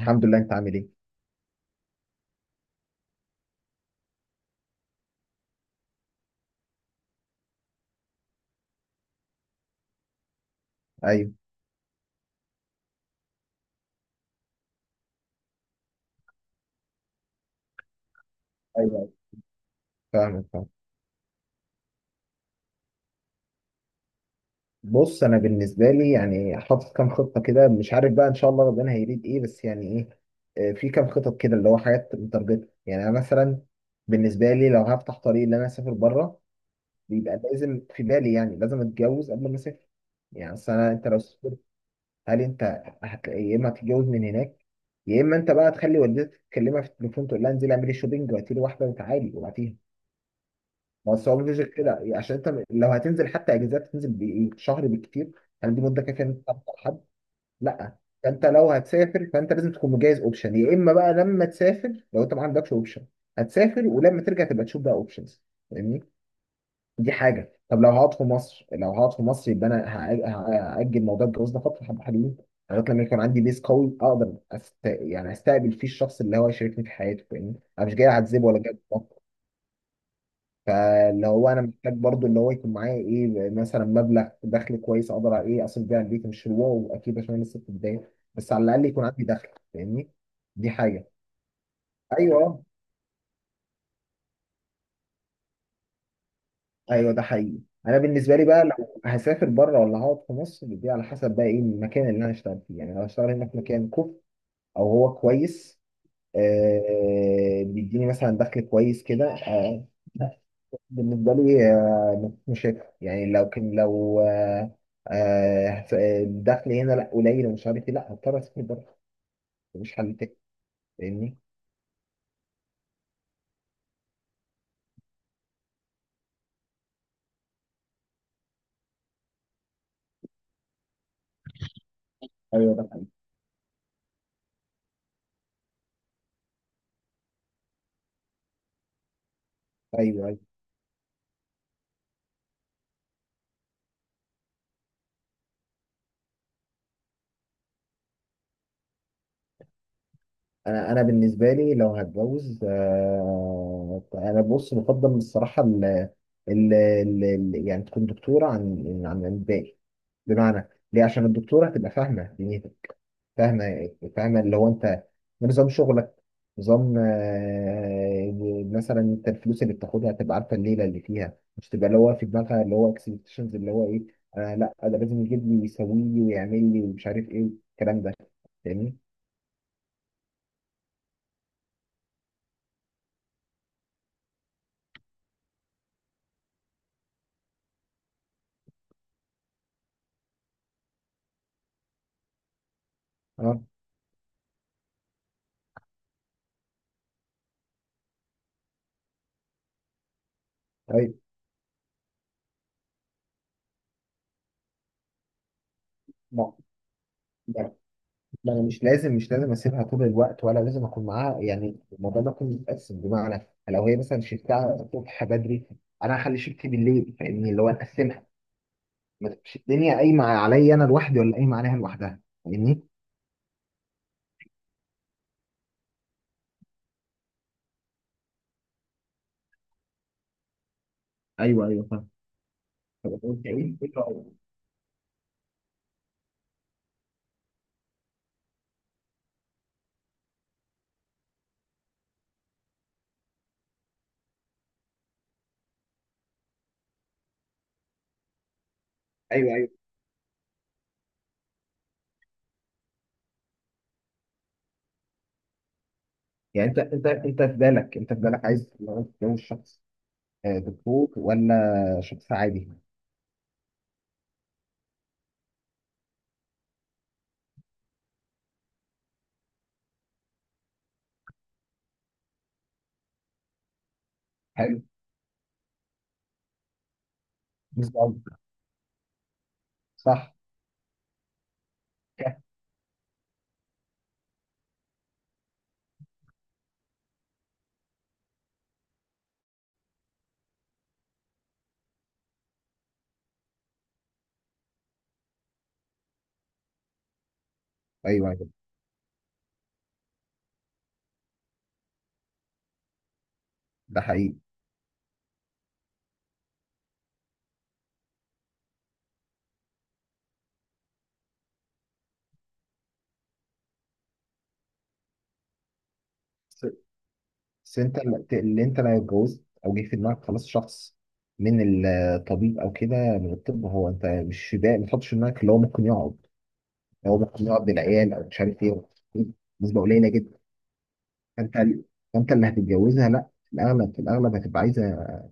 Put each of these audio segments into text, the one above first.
الحمد لله. انت عامل ايه؟ ايوه، ايوه، أيوة. فاهمك، فاهم. بص، انا بالنسبه لي يعني حاطط كام خطه كده، مش عارف بقى ان شاء الله ربنا هيريد ايه، بس يعني ايه، في كام خطط كده اللي هو حاجات متارجته، يعني انا مثلا بالنسبه لي لو هفتح طريق ان انا اسافر بره، بيبقى لازم في بالي يعني لازم اتجوز قبل ما اسافر. يعني اصل انت لو سافرت، هل انت يا اما هتتجوز من هناك، يا اما انت بقى تخلي والدتك تكلمها في التليفون تقول لها انزلي اعملي شوبينج وهاتيلي واحده وتعالي، وبعديها ما هو مفيش غير كده يعني، عشان انت لو هتنزل حتى اجازات تنزل بايه شهر بالكتير. هل دي مده كافيه ان انت تعرف حد؟ لا. فانت لو هتسافر فانت لازم تكون مجهز اوبشن، يا اما بقى لما تسافر لو انت ما عندكش اوبشن هتسافر ولما ترجع تبقى تشوف بقى اوبشنز. فاهمني؟ دي حاجه. طب لو هقعد في مصر، لو هقعد في مصر يبقى انا هاجل موضوع الجواز ده فتره حبه حلوين، لغايه لما يكون عندي بيس قوي اقدر يعني استقبل فيه الشخص اللي هو هيشاركني في حياته. فاهمني؟ انا مش جاي اعذبه ولا جاي. فاللي هو انا محتاج برضو اللي هو يكون معايا ايه، مثلا مبلغ دخل كويس اقدر ايه اصرف بيه على البيت، مش الواو اكيد عشان انا لسه في البدايه، بس على الاقل يكون عندي دخل. فاهمني؟ دي حاجه. ايوه ايوه ده حقيقي. انا بالنسبه لي بقى لو هسافر بره ولا هقعد في مصر دي على حسب بقى ايه المكان اللي انا هشتغل فيه. يعني لو هشتغل هنا في مكان كوف او هو كويس، بيديني مثلا دخل كويس كده، بالنسبة لي. مش هيك. يعني لو كان، لو الدخل هنا لا قليل ومش عارف ايه، لا هضطر اسافر بره. مفيش حل تاني. فاهمني؟ ايوه ده حقيقي. ايوه ايوه. انا بالنسبه لي لو هتجوز، انا بص بفضل الصراحه يعني تكون دكتوره عن عن الباقي. بمعنى ليه؟ عشان الدكتوره هتبقى فاهمه دنيتك. فاهمة. فاهمة اللي هو انت ده نظام شغلك. نظام، مثلا انت الفلوس اللي بتاخدها تبقى عارفة الليلة اللي فيها، مش تبقى اللي هو في دماغها اللي هو اكسبكتيشنز اللي هو ايه، لا ده لازم يجيب لي يسوي لي ويعمل لي ومش عارف ايه الكلام ده. فاهمني؟ اه. طيب، ما ما- ما انا مش لازم، مش لازم اسيبها طول الوقت ولا لازم اكون معاها. يعني الموضوع ده كله متقسم. بمعنى لو هي مثلا شفتها الصبح بدري، انا هخلي شفتي بالليل. فاهمني؟ اللي هو اقسمها، ما تبقاش الدنيا قايمه عليا انا لوحدي ولا قايمه عليها لوحدها. فاهمني؟ ايوه ايوه فاهم. طب أنت إيه الفكرة؟ ايوه ايوه. يعني انت في بالك، عايز لو تتجوز شخص، دكتور ولا شخص عادي؟ حلو. بس قصدي. صح. كده. ايوه ايوه ده حقيقي. بس بس انت اللي انت لو اتجوزت او جه في دماغك خلاص شخص من الطبيب او كده من الطب، هو انت مش ده، ما تحطش في دماغك اللي هو ممكن يقعد، هو ممكن يقعد بالعيال او مش عارف ايه. نسبه قليله. فانت فانت اللي هتتجوزها لا، في الاغلب في الاغلب هتبقى عايزه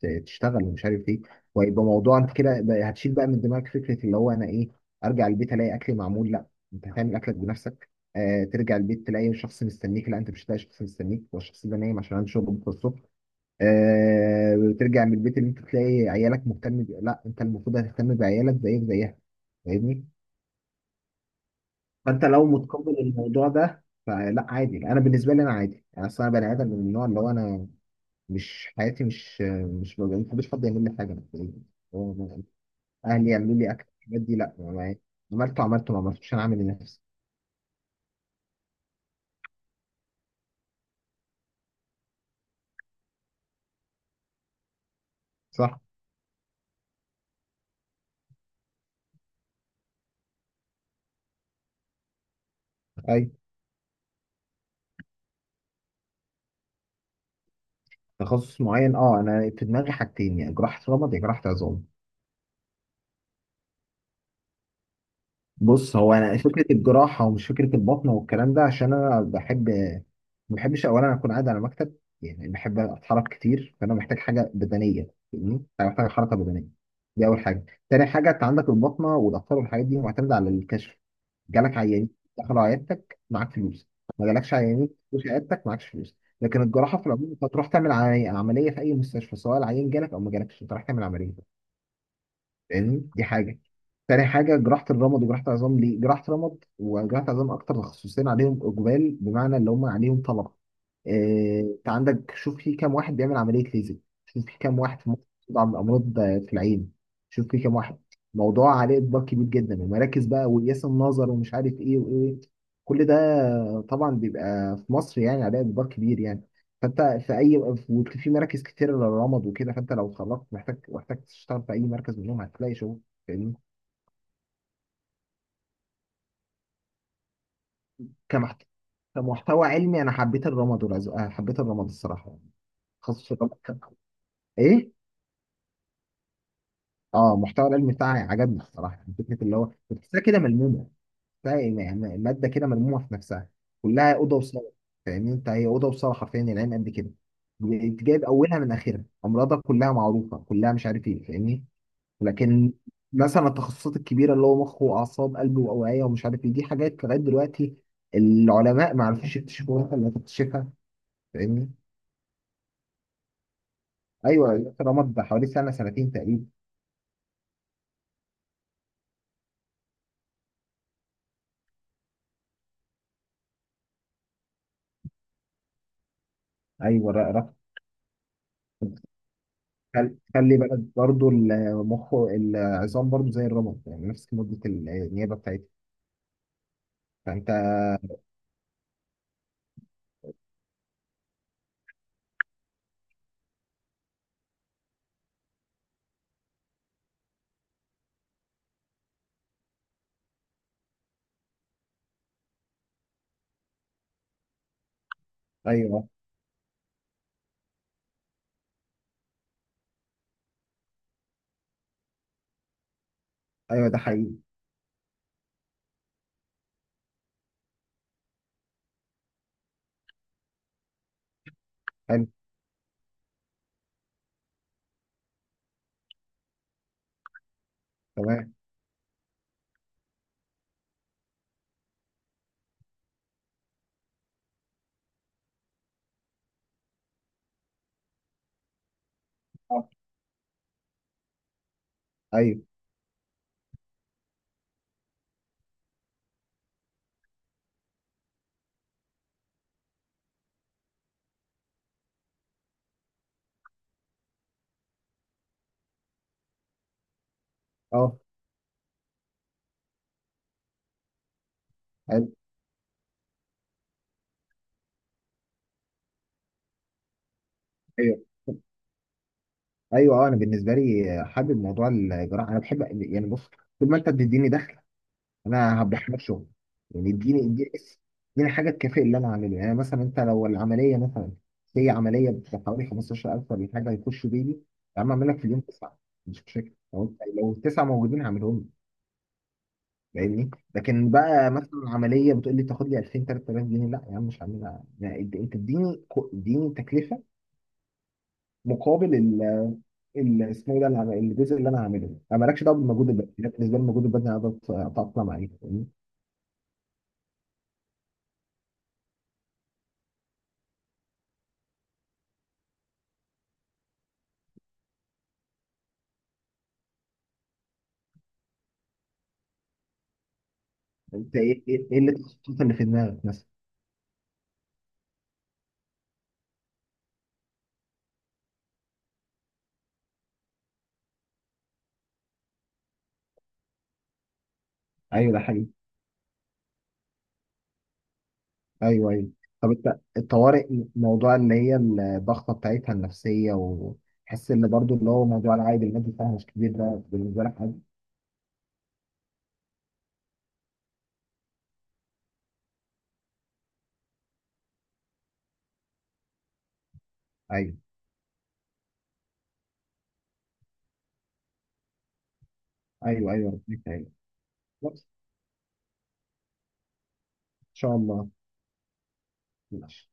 تشتغل ومش عارف ايه. وهيبقى موضوع انت كده هتشيل بقى من دماغك فكره اللي هو انا ايه، ارجع البيت الاقي اكلي معمول؟ لا، انت هتعمل اكلك بنفسك. آه ترجع البيت تلاقي شخص مستنيك؟ لا، انت مش هتلاقي شخص مستنيك، هو الشخص ده نايم عشان عنده شغل بكره الصبح. آه ترجع من البيت اللي انت تلاقي عيالك مهتم لا انت المفروض هتهتم بعيالك زيك زيها. فاهمني؟ فانت لو متقبل الموضوع ده فلا عادي. انا بالنسبه لي انا عادي، انا اصلا بني ادم من النوع اللي هو انا، مش حياتي، مش ما بحبش حد يعمل لي حاجه مبدئيا. هو أنا- اهلي يعملوا لي اكل، الحاجات دي لا، عملته عملته، ما عملتوش انا عامل لنفسي. صح. اي. تخصص معين، اه انا في دماغي حاجتين، يا جراحه رمد يا جراحه عظام. بص، هو انا فكره الجراحه ومش فكره البطن والكلام ده، عشان انا بحب، ما بحبش اولا اكون قاعد على مكتب، يعني بحب اتحرك كتير، فانا محتاج حاجه بدنيه. فاهمني؟ انا محتاج حركه بدنيه. دي اول حاجه. تاني حاجه، انت عندك البطنه والاطفال والحاجات دي معتمده على الكشف. جالك عيانين دخلوا عيادتك معاك فلوس، ما جالكش عيانين مش عيادتك معاكش فلوس. لكن الجراحه في العموم، انت هتروح تعمل عمليه، عملية في اي مستشفى، سواء العيان جالك او ما جالكش انت رايح تعمل عمليه. فاهمني؟ دي حاجه. تاني حاجه، جراحه الرمد وجراحه العظام، ليه جراحه رمد وجراحه عظام؟ اكتر تخصصين عليهم اقبال، بمعنى اللي هم عليهم طلب. انت عندك، شوف في كام واحد بيعمل عمليه ليزر، شوف في كام واحد في مصر بيطلع امراض في العين، شوف في كام واحد. موضوع عليه اقبال كبير جدا، المراكز بقى وقياس النظر ومش عارف ايه وايه، كل ده طبعا بيبقى في مصر يعني عليه اقبال كبير يعني. فانت في اي، وفي مراكز كتير للرمض وكده، فانت لو اتخرجت محتاج، محتاج تشتغل في اي مركز منهم هتلاقي شغل. فاهمني؟ كمحت... كمحتوى علمي، انا حبيت الرمض والعز... آه، حبيت الرمض الصراحه يعني. تخصص الرمض كان ايه. اه، المحتوى العلمي بتاعي عجبني الصراحه، يعني فكره اللي هو بتحسها كده ملمومه، بتحسها يعني الماده كده ملمومه في نفسها، كلها اوضه وصاله. فاهمني؟ انت هي اوضه وصاله حرفيا، العين قد كده، جايب اولها من اخرها، امراضها كلها معروفه كلها، مش عارف ايه، فاهمني. لكن مثلا التخصصات الكبيره اللي هو مخ واعصاب، قلب واوعيه، ومش عارف ايه، دي حاجات لغايه دلوقتي العلماء ما عرفوش يكتشفوها اللي تكتشفها. فاهمني؟ ايوه، رمض ده حوالي سنه سنتين تقريبا. ايوه، خلي بالك برضه، المخ العظام برضه زي الرمد يعني نفس مده النيابه بتاعتها. فانت، ايوه ايوه ده حقيقي. حلو. تمام. آه. ايوه اه. حلو. ايوه ايوه اه انا بالنسبه لي حابب موضوع الجراحه، انا بحب يعني. بص، طول ما انت بتديني دخل، انا هبدأ نفسه. يعني اديني حاجه تكافئ اللي انا عامله. يعني مثلا انت لو العمليه، مثلا هي عمليه بحوالي 15000 ولا حاجه، هيخشوا بيلي يا عم اعمل لك في اليوم تسعه، مش مشاكل. لو انت، لو التسعه موجودين هعملهم لك. فاهمني؟ لكن بقى مثلا عمليه بتقول لي تاخد لي 2000 3000 جنيه، لا يا عم مش هعملها. يعني انت، اديني اديني تكلفه مقابل اسمه ايه ده، الجزء اللي انا هعمله. انا مالكش دعوه بالمجهود البدني، أنا بالنسبه لي المجهود البدني انا بتاقلم عليه. انت ايه، إيه اللي التخصصات اللي في دماغك مثلا؟ ايوه ده حقيقي. ايوه ايوه. طب انت الطوارئ، موضوع اللي هي الضغطه بتاعتها النفسيه، وحس ان برضو اللي هو موضوع العائد المادي بتاعها مش كبير، ده بالنسبه لك عادي؟ ايوه ايوه ايوه ربنا يكرمك. بس ان شاء الله. ماشي.